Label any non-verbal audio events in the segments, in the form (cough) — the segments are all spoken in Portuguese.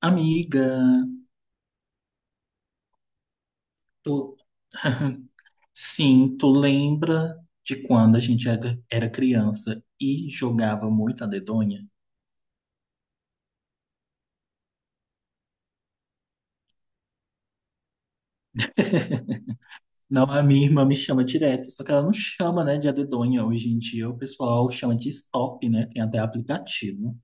Amiga, tu... (laughs) Sim, tu lembra de quando a gente era criança e jogava muito a dedonha? (laughs) Não, a minha irmã me chama direto, só que ela não chama, né, de a dedonha. Hoje em dia o pessoal chama de stop, né? Tem até aplicativo.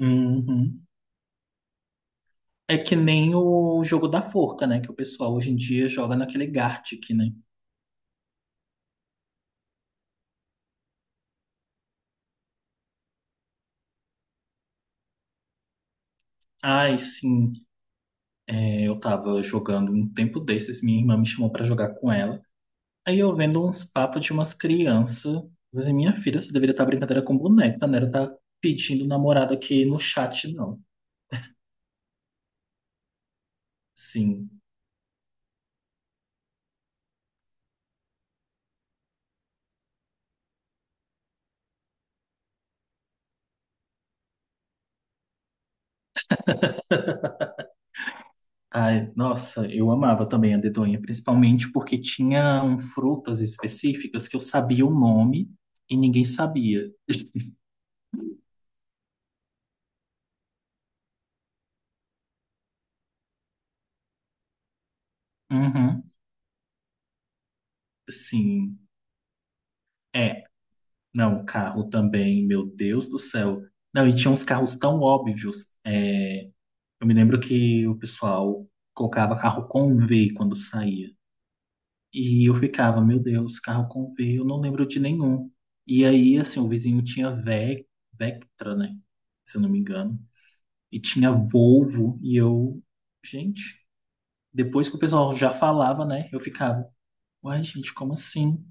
Uhum. É que nem o jogo da forca, né? Que o pessoal hoje em dia joga naquele Gartic, né? Ai, sim. É, eu tava jogando um tempo desses, minha irmã me chamou pra jogar com ela. Aí eu vendo uns papos de umas crianças. Mas minha filha, você deveria estar brincadeira com boneca, né? Ela tá pedindo namorado aqui no chat, não. Sim. Ai, nossa, eu amava também a dedonha, principalmente porque tinham frutas específicas que eu sabia o nome e ninguém sabia. (laughs) Uhum, sim. É, não, carro também, meu Deus do céu. Não, e tinha uns carros tão óbvios. É, eu me lembro que o pessoal colocava carro com V quando saía. E eu ficava, meu Deus, carro com V, eu não lembro de nenhum. E aí, assim, o vizinho tinha Ve Vectra, né? Se eu não me engano. E tinha Volvo, e eu, gente, depois que o pessoal já falava, né? Eu ficava, uai, gente, como assim?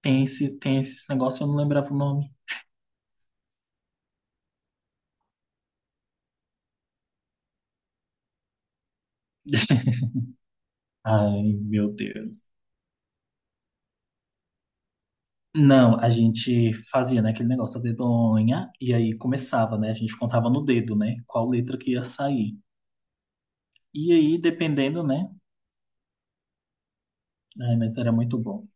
Tem esse negócio, eu não lembrava o nome. (laughs) Ai, meu Deus. Não, a gente fazia, né, aquele negócio da dedonha, e aí começava, né? A gente contava no dedo, né? Qual letra que ia sair. E aí, dependendo, né? É, mas era muito bom.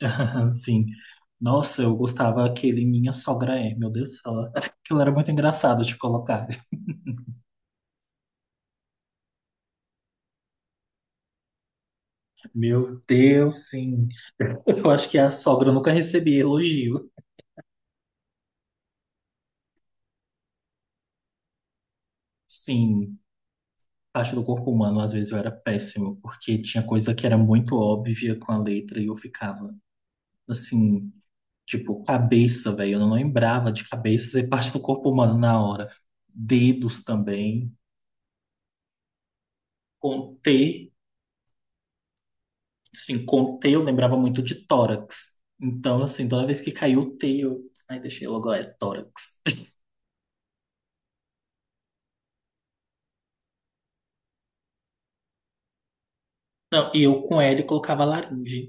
(laughs) Sim. Nossa, eu gostava aquele Minha Sogra É. Meu Deus do céu. Aquilo era muito engraçado de colocar. (laughs) Meu Deus, sim. Eu acho que a sogra nunca recebia elogio. Sim, parte do corpo humano às vezes eu era péssimo, porque tinha coisa que era muito óbvia com a letra e eu ficava assim, tipo, cabeça, velho. Eu não lembrava de cabeça ser parte do corpo humano na hora. Dedos também. Com T, assim, com T eu lembrava muito de tórax. Então, assim, toda vez que caiu o T, eu. Ai, deixei logo, é tórax. Não, e eu com L colocava laringe.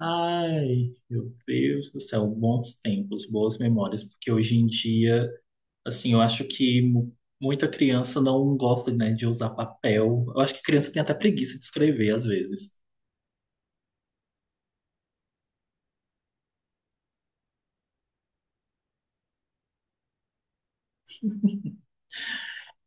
Ai, meu Deus do céu, bons tempos, boas memórias, porque hoje em dia, assim, eu acho que muita criança não gosta, né, de usar papel. Eu acho que criança tem até preguiça de escrever às vezes.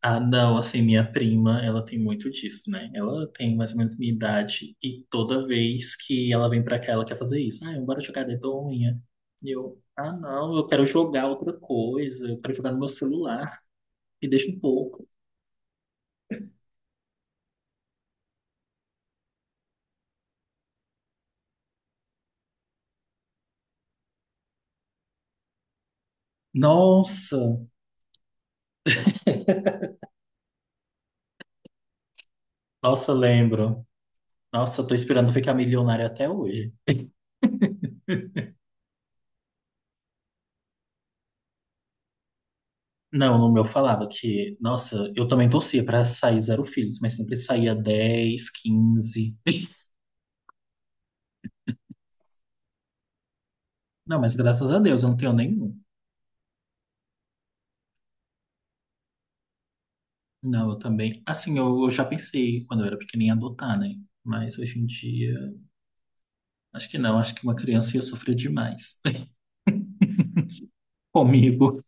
Ah, não, assim, minha prima, ela tem muito disso, né? Ela tem mais ou menos minha idade e toda vez que ela vem pra cá, ela quer fazer isso. Ah, bora jogar dedonha. E eu, ah, não, eu quero jogar outra coisa, eu quero jogar no meu celular, me deixa um pouco. Nossa, nossa, lembro. Nossa, tô esperando ficar milionária até hoje. Não, no meu falava que, nossa, eu também torcia pra sair zero filhos, mas sempre saía 10, 15. Não, mas graças a Deus eu não tenho nenhum. Não, eu também. Assim, eu já pensei quando eu era pequenininha em adotar, né? Mas hoje em dia, acho que não. Acho que uma criança ia sofrer demais (laughs) comigo.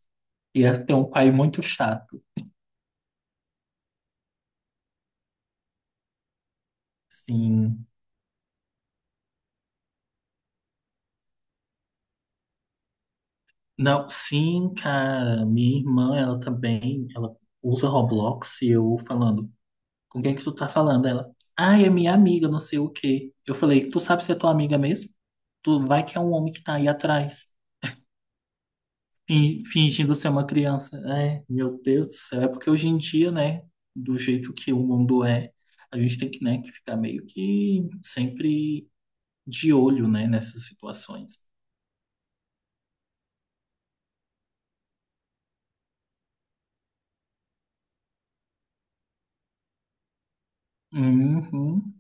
Ia ter um pai muito chato. Sim. Não, sim, cara. Minha irmã, ela também, ela usa Roblox e eu falando, com quem que tu tá falando? Ela, ah, é minha amiga, não sei o quê. Eu falei, tu sabe se é tua amiga mesmo? Tu vai que é um homem que tá aí atrás. Fingindo ser uma criança. É, meu Deus do céu. É porque hoje em dia, né, do jeito que o mundo é, a gente tem que, né, que ficar meio que sempre de olho, né, nessas situações. Uhum.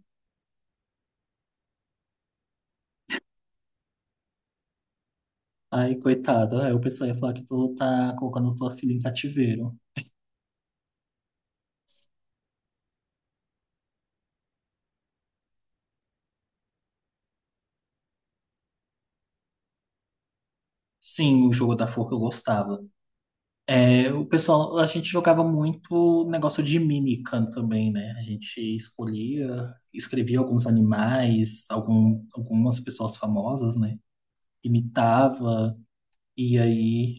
Aí, coitada, aí o pessoal ia falar que tu tá colocando tua filha em cativeiro. Sim, o jogo da forca eu gostava. É, o pessoal, a gente jogava muito negócio de mímica também, né? A gente escolhia, escrevia alguns animais, algum, algumas pessoas famosas, né? Imitava, e aí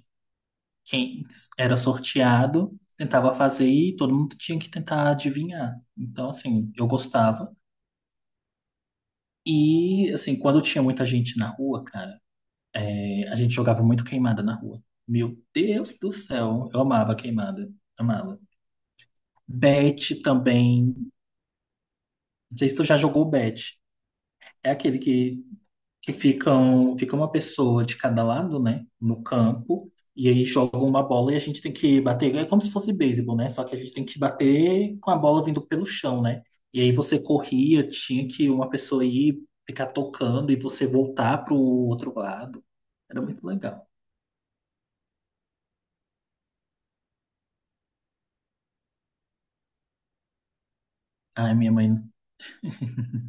quem era sorteado tentava fazer e todo mundo tinha que tentar adivinhar. Então, assim, eu gostava. E, assim, quando tinha muita gente na rua, cara, a gente jogava muito queimada na rua. Meu Deus do céu, eu amava queimada, amava. Bet também, não sei se tu já jogou Bet. É aquele que fica uma pessoa de cada lado, né, no campo, e aí jogam uma bola e a gente tem que bater, é como se fosse beisebol, né, só que a gente tem que bater com a bola vindo pelo chão, né, e aí você corria, tinha que uma pessoa ir ficar tocando e você voltar pro outro lado, era muito legal. Ai, minha mãe, (laughs)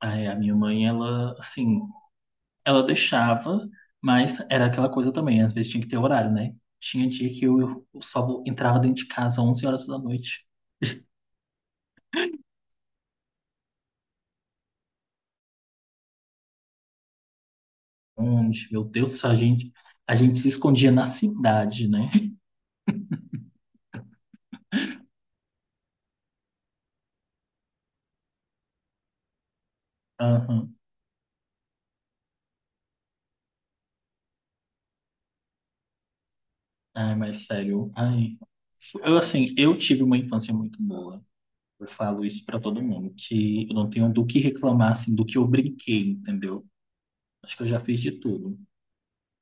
ai, a minha mãe, ela, assim, ela deixava, mas era aquela coisa também, às vezes tinha que ter horário, né. Tinha dia que eu só entrava dentro de casa às 11 horas da noite. Onde, meu Deus, a gente se escondia na cidade, né? Aham. Ai, mas sério, ai. Eu, assim, eu tive uma infância muito boa. Eu falo isso pra todo mundo, que eu não tenho do que reclamar, assim, do que eu brinquei, entendeu? Acho que eu já fiz de tudo,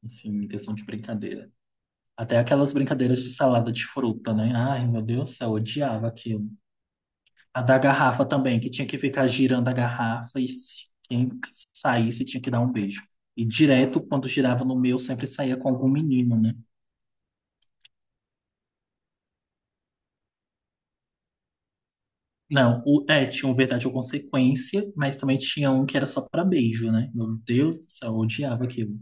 assim, em questão de brincadeira. Até aquelas brincadeiras de salada de fruta, né? Ai, meu Deus do céu, eu odiava aquilo. A da garrafa também, que tinha que ficar girando a garrafa e se quem saísse tinha que dar um beijo. E direto, quando girava no meu, sempre saía com algum menino, né? Não, o, é, tinha um verdade ou consequência, mas também tinha um que era só pra beijo, né? Meu Deus do céu, eu odiava aquilo.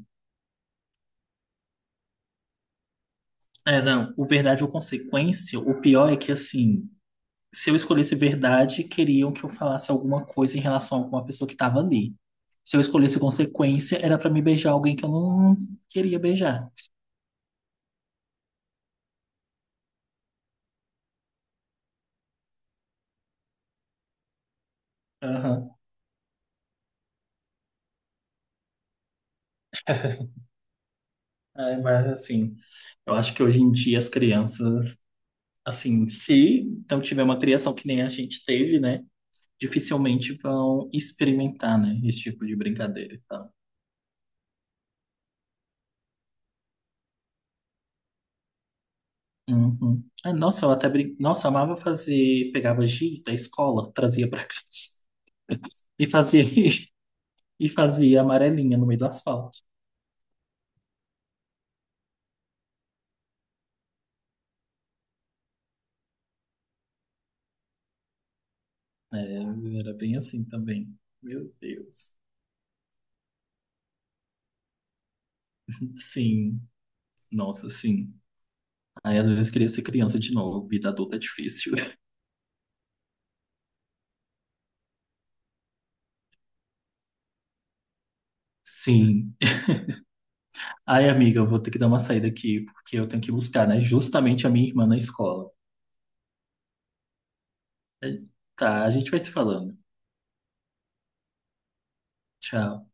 É, não, o verdade ou consequência, o pior é que, assim, se eu escolhesse verdade, queriam que eu falasse alguma coisa em relação a alguma pessoa que tava ali. Se eu escolhesse consequência, era pra me beijar alguém que eu não queria beijar. Aham. É, mas assim, eu acho que hoje em dia as crianças, assim, se não tiver uma criação que nem a gente teve, né, dificilmente vão experimentar, né, esse tipo de brincadeira e tal. Uhum. Ah, nossa, eu até nossa, amava fazer, pegava giz da escola, trazia pra (laughs) casa e fazia (laughs) e fazia amarelinha no meio do asfalto. É, era bem assim também. Meu Deus. Sim, nossa, sim. Aí às vezes queria ser criança de novo, vida adulta é difícil. (laughs) Sim. Ai, amiga, eu vou ter que dar uma saída aqui, porque eu tenho que buscar, né? Justamente a minha irmã na escola. É, tá, a gente vai se falando. Tchau.